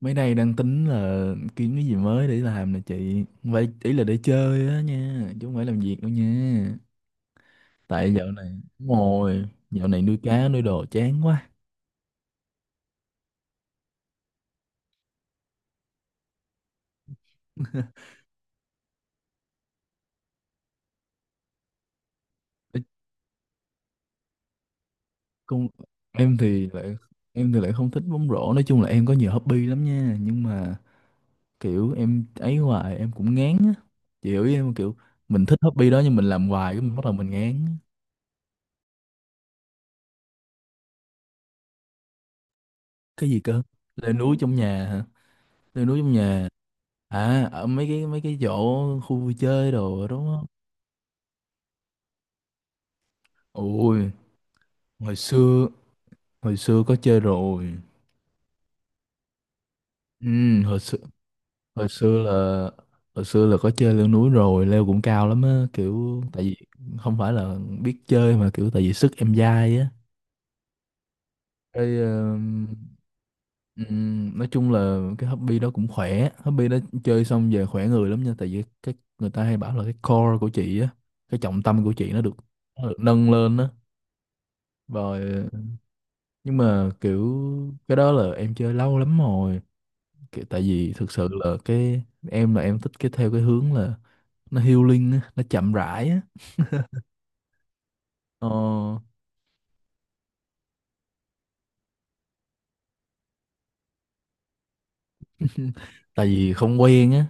Mấy nay đang tính là kiếm cái gì mới để làm nè chị. Vậy ý là để chơi á nha, chứ không phải làm việc đâu nha. Tại dạo này, đúng rồi, dạo này nuôi cá, nuôi đồ chán quá. Ê, Con, em thì lại em thì lại không thích bóng rổ. Nói chung là em có nhiều hobby lắm nha. Nhưng mà kiểu em ấy hoài em cũng ngán á. Chị hiểu ý em không? Kiểu mình thích hobby đó nhưng mình làm hoài cái mình bắt đầu mình ngán. Cái gì cơ? Leo núi trong nhà hả? Leo núi trong nhà. À, ở mấy cái chỗ khu vui chơi đồ đó đúng không? Ôi, hồi xưa hồi xưa có chơi rồi. Ừ, hồi xưa là hồi xưa là có chơi leo núi rồi, leo cũng cao lắm á, kiểu tại vì không phải là biết chơi mà kiểu tại vì sức em dai á. Cái ờ, nói chung là cái hobby đó cũng khỏe, hobby đó chơi xong về khỏe người lắm nha, tại vì cái người ta hay bảo là cái core của chị á, cái trọng tâm của chị nó được nâng lên á. Rồi nhưng mà kiểu cái đó là em chơi lâu lắm rồi kiểu tại vì thực sự là cái em là em thích cái theo cái hướng là nó healing á nó chậm rãi á. ờ, Tại vì không quen á.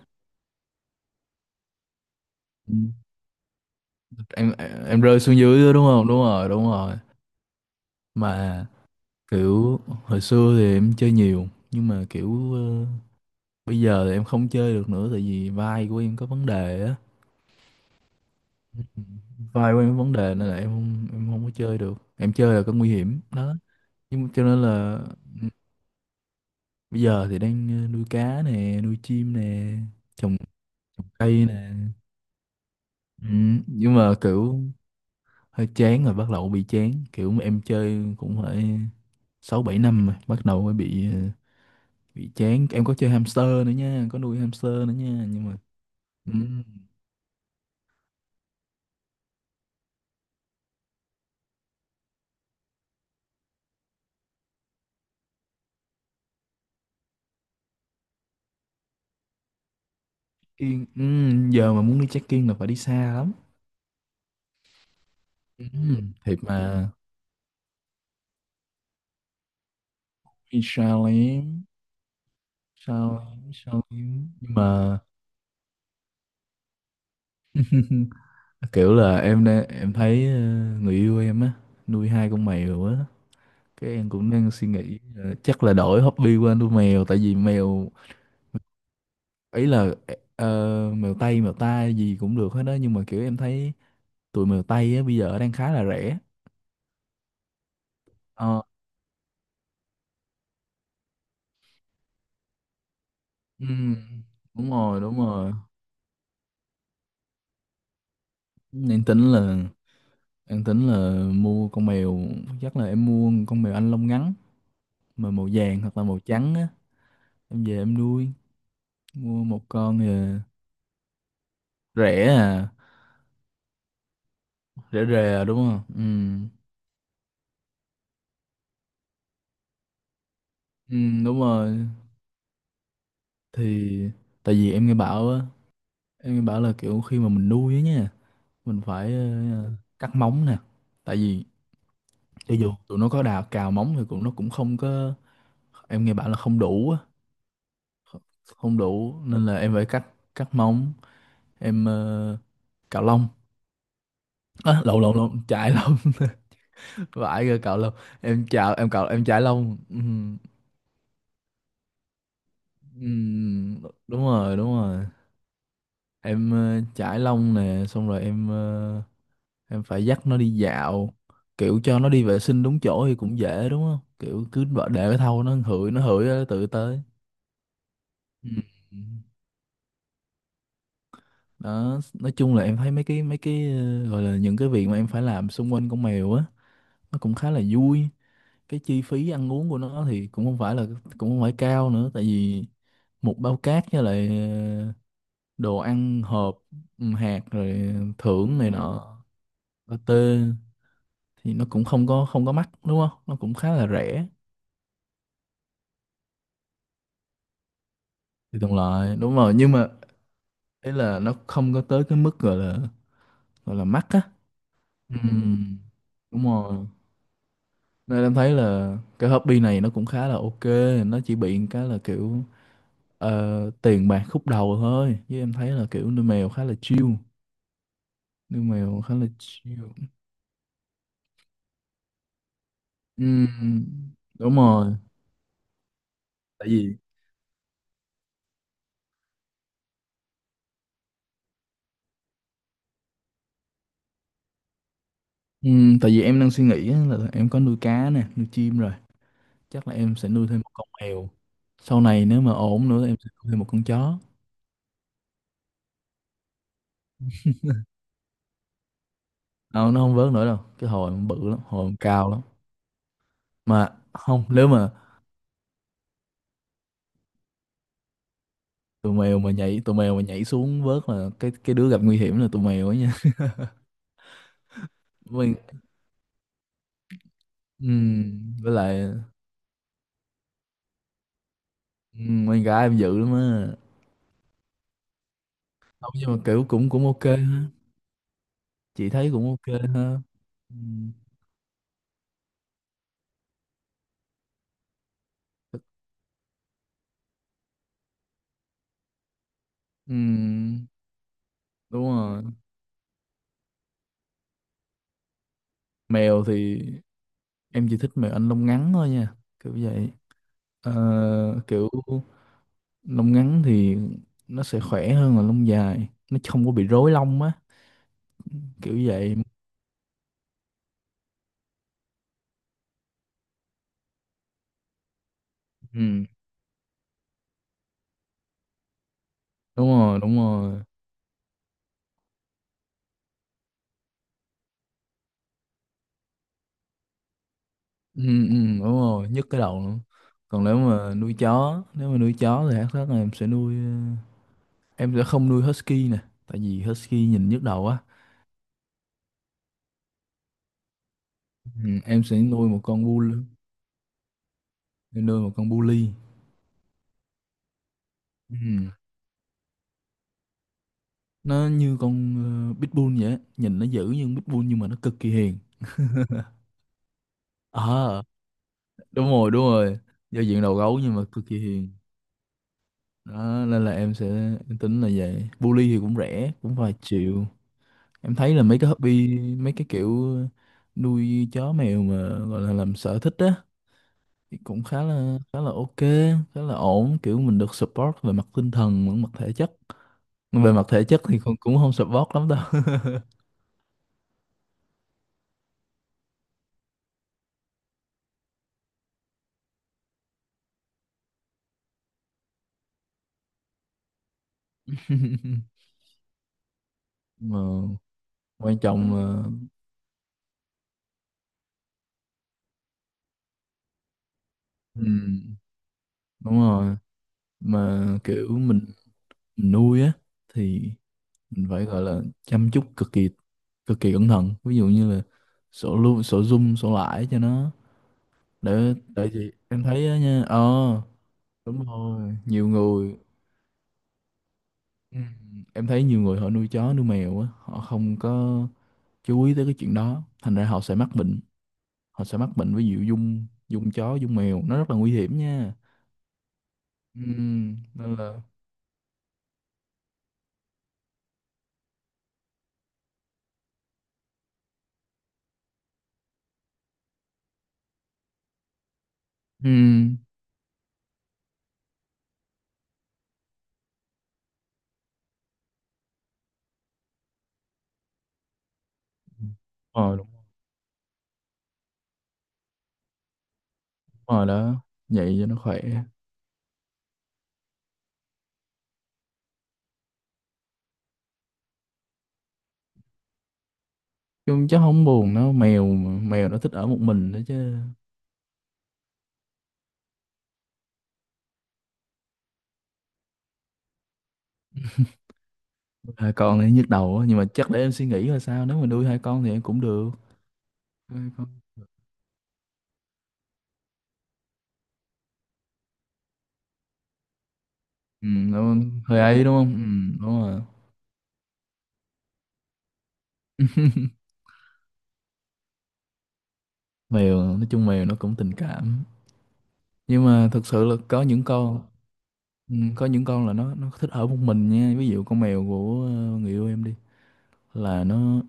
Ừ. em em rơi xuống dưới á, đúng không, đúng rồi, đúng rồi. Mà kiểu hồi xưa thì em chơi nhiều nhưng mà kiểu bây giờ thì em không chơi được nữa tại vì vai của em có vấn đề á. Ừ. Vai của em có vấn đề nên là em không có chơi được em chơi là có nguy hiểm đó nhưng mà cho nên là bây giờ thì đang nuôi cá nè, nuôi chim nè, trồng cây nè. Ừ, nhưng mà kiểu hơi chán rồi bắt đầu bị chán. Kiểu em chơi cũng phải 6 7 năm rồi, bắt đầu mới bị chán. Em có chơi hamster nữa nha, có nuôi hamster nữa nha, nhưng mà ừ, yên, ừ, giờ mà muốn đi check-in là phải đi xa lắm. Ừ, thiệt mà vì sao em nhưng mà. Kiểu là em đang em thấy người yêu em á nuôi hai con mèo á, cái em cũng đang suy nghĩ chắc là đổi hobby qua nuôi mèo tại vì mèo ấy là ờ, mèo Tây mèo ta gì cũng được hết đó nhưng mà kiểu em thấy tụi mèo Tây á bây giờ đang khá là rẻ. Ờ, ừm, đúng rồi, đúng rồi. Em tính là em tính là mua con mèo, chắc là em mua một con mèo Anh lông ngắn mà màu vàng hoặc là màu trắng á. Em về em nuôi, mua một con rẻ à? Rẻ rè đúng không? Ừ. Ừ, đúng rồi. Thì tại vì em nghe bảo á em nghe bảo là kiểu khi mà mình nuôi á nha mình phải ờ, cắt móng nè tại vì cho dù tụi nó có đào cào móng thì cũng nó cũng không có, em nghe bảo là không đủ á. Không đủ nên là em phải cắt, cắt móng. Em cạo lông, à, lộn lộn lộn chải lông. Vãi rồi, cạo lông. Em chạo em cạo em chải lông. Ừ. Ừ, đúng rồi, đúng rồi. Em chải lông nè xong rồi em em phải dắt nó đi dạo kiểu cho nó đi vệ sinh đúng chỗ thì cũng dễ đúng không, kiểu cứ để cái thau nó hửi, nó tự tới. Ừ. Đó, nói chung là em thấy mấy cái gọi là những cái việc mà em phải làm xung quanh con mèo á, nó cũng khá là vui. Cái chi phí ăn uống của nó thì cũng không phải cao nữa tại vì một bao cát với lại đồ ăn hộp, ừ, hạt rồi thưởng này nọ, pate, thì nó cũng không có mắc đúng không, nó cũng khá là rẻ. Thì đồng loại đúng rồi nhưng mà ý là nó không có tới cái mức gọi là mắc á. Ừ. Đúng rồi. Nên em thấy là cái hobby này nó cũng khá là ok, nó chỉ bị một cái là kiểu tiền bạc khúc đầu thôi chứ em thấy là kiểu nuôi mèo khá là chill, nuôi mèo khá là chill. Ừm, đúng rồi. Tại vì ừm, tại vì em đang suy nghĩ á là em có nuôi cá nè, nuôi chim rồi, chắc là em sẽ nuôi thêm một con mèo, sau này nếu mà ổn nữa em sẽ nuôi thêm một con chó. Không, nó không vớt nữa đâu, cái hồi nó bự lắm, hồi nó cao lắm. Mà không, nếu mà tụi mèo mà nhảy xuống vớt là cái đứa gặp nguy hiểm là tụi mèo ấy nha. Mình, với lại con gái em dữ lắm á. Không nhưng mà kiểu cũng cũng ok ha. Chị thấy cũng ok ha. Ừm, ừm, đúng rồi. Mèo thì em chỉ thích mèo Anh lông ngắn thôi nha, kiểu vậy. Ờ, kiểu lông ngắn thì nó sẽ khỏe hơn là lông dài, nó không có bị rối lông á, kiểu vậy. Ừ, đúng rồi, đúng rồi. Ừ, ừ, đúng rồi, nhức cái đầu nữa. Còn nếu mà nuôi chó thì hát rất là em sẽ nuôi, em sẽ không nuôi husky nè tại vì husky nhìn nhức đầu á. Ừ, em sẽ nuôi một con bull, em nuôi một con bully. Ừ. Nó như con pitbull vậy á. Nhìn nó dữ như con pitbull nhưng mà nó cực kỳ hiền. Ờ, đúng rồi, đúng rồi. Giao diện đầu gấu nhưng mà cực kỳ hiền. Đó nên là em sẽ, em tính là vậy, bully thì cũng rẻ cũng vài triệu. Em thấy là mấy cái kiểu nuôi chó mèo mà gọi là làm sở thích á thì cũng khá là ok, khá là ổn, kiểu mình được support về mặt tinh thần lẫn mặt thể chất. Về mặt thể chất thì cũng cũng không support lắm đâu. Mà quan trọng là, ừ, đúng rồi. Mà kiểu mình nuôi á thì mình phải gọi là chăm chút cực kỳ, cực kỳ cẩn thận, ví dụ như là sổ lưu sổ zoom sổ lãi cho nó, để tại vì em thấy á nha. Ờ, đúng rồi, nhiều người. Ừ, em thấy nhiều người họ nuôi chó nuôi mèo á họ không có chú ý tới cái chuyện đó thành ra họ sẽ mắc bệnh, với dụ dung dung chó dung mèo nó rất là nguy hiểm nha. Ừ, nên là ừ, Ờ đúng rồi, đó vậy cho nó khỏe. Chung chắc không buồn đâu mèo mà. Mèo nó thích ở một mình đó chứ, hai con thì nhức đầu á, nhưng mà chắc để em suy nghĩ là sao, nếu mà nuôi hai con thì em cũng được. Hai con, ừ, đúng không? Hơi ấy đúng không? Ừ, đúng rồi. Mèo, nói chung mèo nó cũng tình cảm, nhưng mà thật sự là có những con, ừ, có những con là nó thích ở một mình nha, ví dụ con mèo của người yêu em đi là nó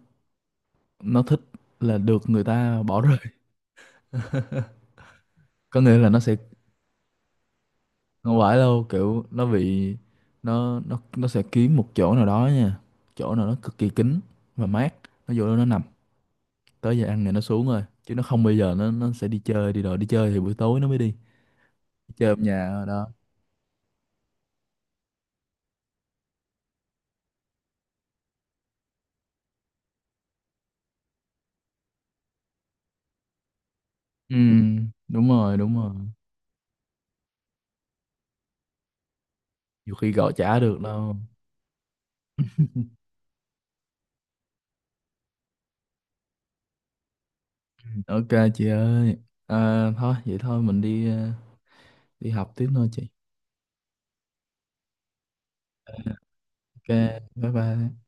nó thích, là được người ta bỏ rơi, có nghĩa là nó sẽ không phải đâu kiểu nó bị, nó sẽ kiếm một chỗ nào đó nha, chỗ nào nó cực kỳ kín và mát, nó vô đó nó nằm. Tới giờ ăn thì nó xuống rồi chứ nó không, bây giờ nó sẽ đi chơi đi rồi đi chơi thì buổi tối nó mới đi chơi ở nhà ở đó. Ừ, đúng rồi, đúng rồi. Nhiều khi gọi chả được đâu. Ok chị ơi, à, thôi vậy thôi mình đi đi học tiếp thôi chị. Ok bye bye.